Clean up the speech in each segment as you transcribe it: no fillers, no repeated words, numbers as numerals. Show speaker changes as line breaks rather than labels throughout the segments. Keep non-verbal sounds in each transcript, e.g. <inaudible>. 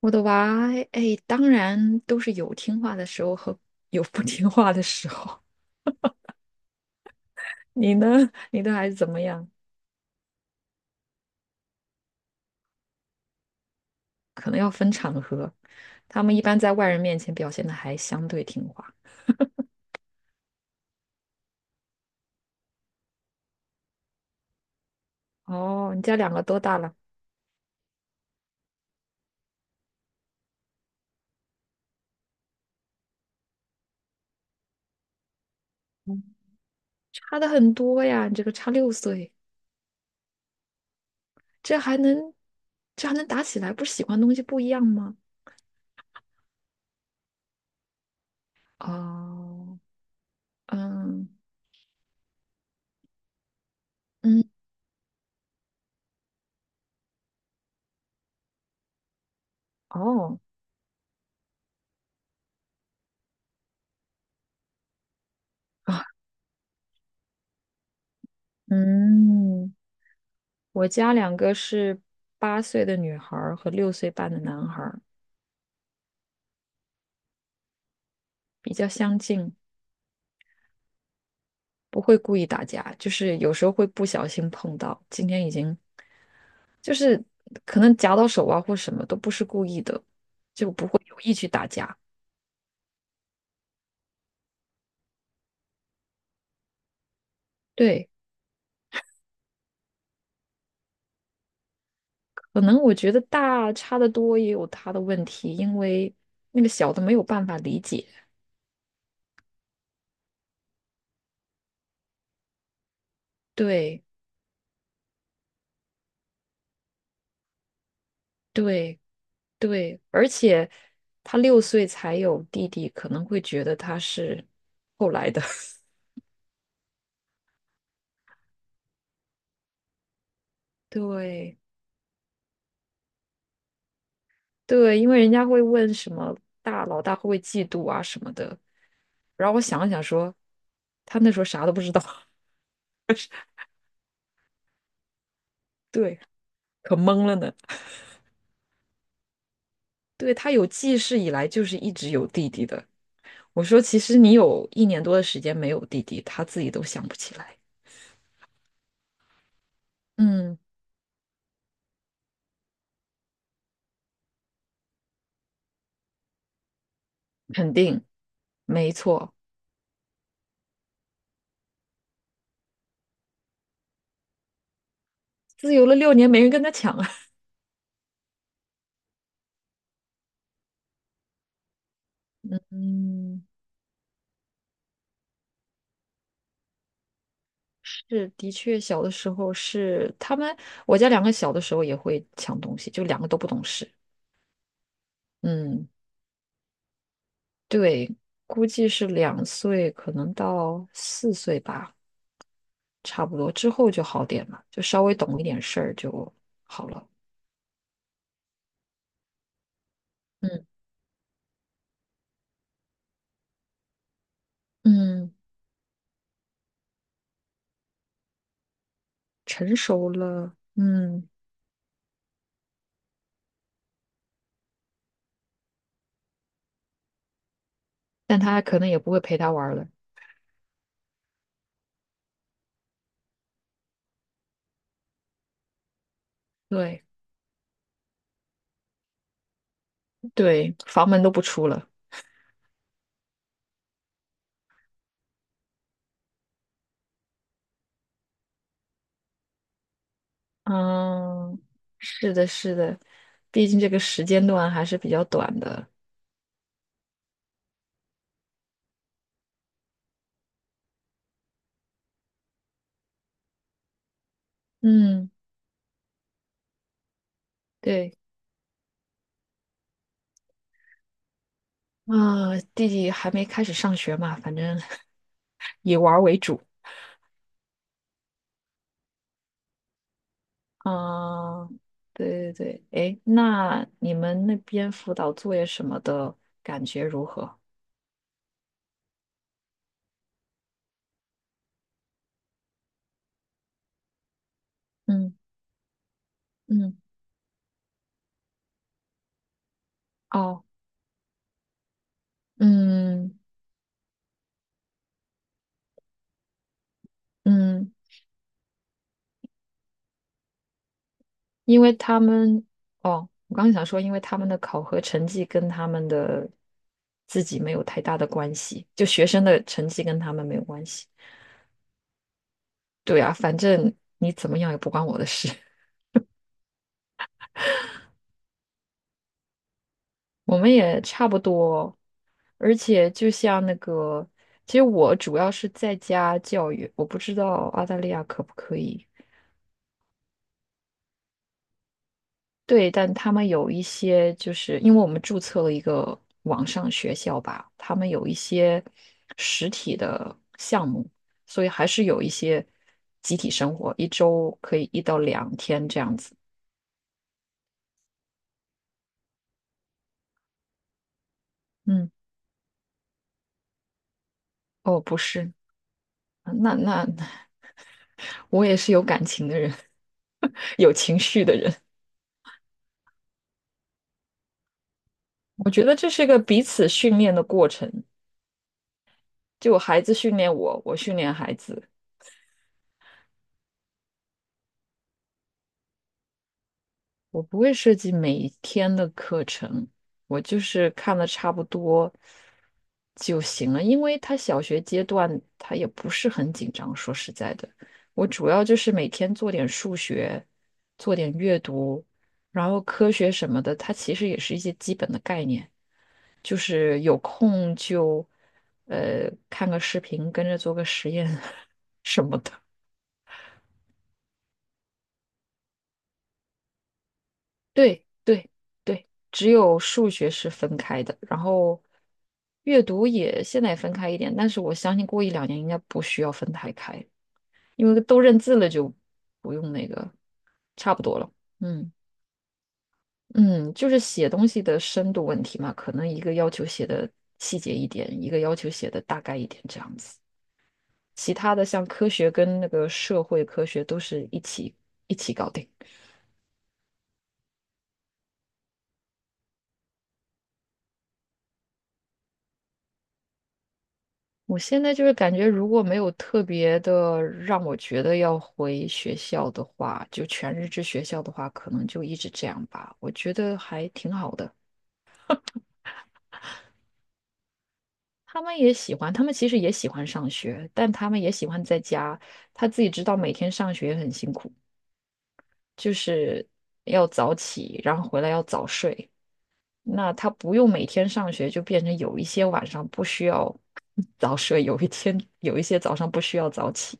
我的娃，哎，当然都是有听话的时候和有不听话的时候。<laughs> 你呢？你的孩子怎么样？可能要分场合。他们一般在外人面前表现的还相对听话。哦，你家两个多大了？嗯差的很多呀，你这个差6岁，这还能，这还能打起来？不是喜欢东西不一样吗？哦，嗯嗯，哦啊，<laughs> 嗯。我家两个是8岁的女孩儿和6岁半的男孩儿，比较相近，不会故意打架，就是有时候会不小心碰到。今天已经就是可能夹到手啊或什么都不是故意的，就不会有意去打架。对，可能我觉得大差的多也有他的问题，因为那个小的没有办法理解。对对对，而且他六岁才有弟弟，可能会觉得他是后来的。<laughs> 对对，因为人家会问什么老大会不会嫉妒啊什么的，然后我想了想说，他那时候啥都不知道，<laughs> 对，可懵了呢。对，他有记事以来就是一直有弟弟的。我说其实你有一年多的时间没有弟弟，他自己都想不起来。嗯，肯定，没错，自由了6年，没人跟他抢啊。<laughs> 嗯，是，的确，小的时候是他们，我家两个小的时候也会抢东西，就两个都不懂事。嗯。对，估计是2岁，可能到4岁吧，差不多之后就好点了，就稍微懂一点事儿就好了。嗯嗯，成熟了，嗯，但他可能也不会陪他玩儿了。对对，房门都不出了。嗯，是的，是的，毕竟这个时间段还是比较短的。嗯，对，啊、弟弟还没开始上学嘛，反正 <laughs> 以玩儿为主。啊，对对对，哎，那你们那边辅导作业什么的感觉如何？嗯嗯，哦，嗯嗯，因为他们，哦，我刚想说，因为他们的考核成绩跟他们的自己没有太大的关系，就学生的成绩跟他们没有关系。对啊，反正你怎么样也不关我的事，<laughs> 我们也差不多，而且就像那个，其实我主要是在家教育，我不知道澳大利亚可不可以。对，但他们有一些，就是因为我们注册了一个网上学校吧，他们有一些实体的项目，所以还是有一些集体生活，一周可以1到2天这样子。嗯，哦，不是，那我也是有感情的人，<laughs> 有情绪的人。我觉得这是一个彼此训练的过程。就孩子训练我，我训练孩子。我不会设计每一天的课程，我就是看的差不多就行了。因为他小学阶段他也不是很紧张，说实在的，我主要就是每天做点数学，做点阅读，然后科学什么的，它其实也是一些基本的概念。就是有空就看个视频，跟着做个实验 <laughs> 什么的。对对对，只有数学是分开的，然后阅读也现在也分开一点，但是我相信过一两年应该不需要分太开，因为都认字了就不用那个，差不多了。嗯嗯，就是写东西的深度问题嘛，可能一个要求写的细节一点，一个要求写的大概一点这样子，其他的像科学跟那个社会科学都是一起搞定。我现在就是感觉，如果没有特别的让我觉得要回学校的话，就全日制学校的话，可能就一直这样吧。我觉得还挺好的。他们也喜欢，他们其实也喜欢上学，但他们也喜欢在家。他自己知道每天上学很辛苦，就是要早起，然后回来要早睡。那他不用每天上学，就变成有一些晚上不需要早睡，有一些早上不需要早起。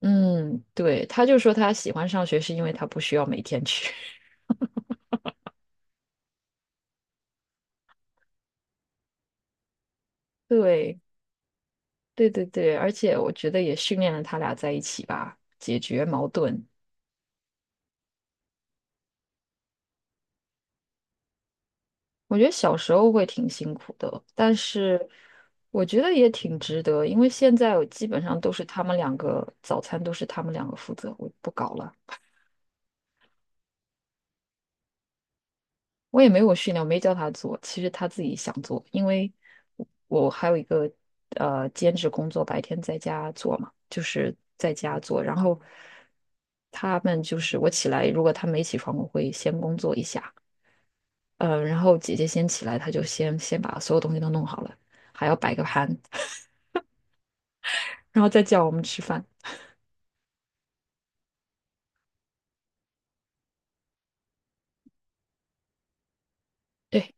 嗯，对，他就说他喜欢上学是因为他不需要每天去。<laughs> 对，对对对，而且我觉得也训练了他俩在一起吧，解决矛盾。我觉得小时候会挺辛苦的，但是我觉得也挺值得，因为现在我基本上都是他们两个，早餐都是他们两个负责，我不搞了。我也没有训练，我没教他做，其实他自己想做，因为我还有一个兼职工作，白天在家做嘛，就是在家做，然后他们就是我起来，如果他没起床，我会先工作一下，然后姐姐先起来，她就先把所有东西都弄好了，还要摆个盘，然后再叫我们吃饭。对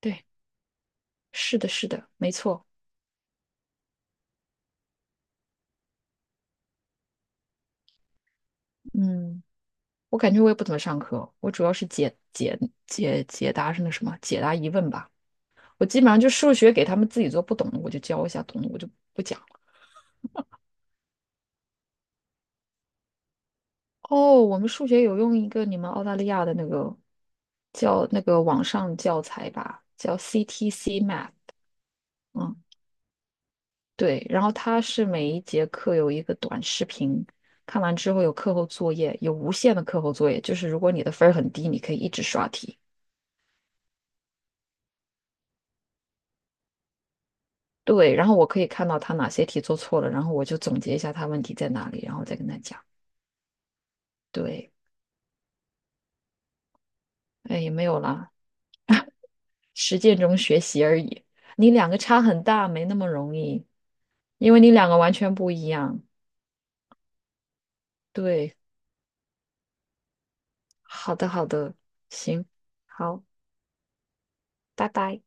对，是的，是的，没错，嗯。我感觉我也不怎么上课，我主要是解答是那什么，解答疑问吧。我基本上就数学给他们自己做不懂的，我就教一下；懂的我就不讲了。哦，我们数学有用一个你们澳大利亚的那个叫那个网上教材吧，叫 CTC Math。嗯，对，然后它是每一节课有一个短视频，看完之后有课后作业，有无限的课后作业，就是如果你的分儿很低，你可以一直刷题。对，然后我可以看到他哪些题做错了，然后我就总结一下他问题在哪里，然后再跟他讲。对，哎，也没有啦。实践中学习而已。你两个差很大，没那么容易，因为你两个完全不一样。对，好的，好的，行，好，拜拜。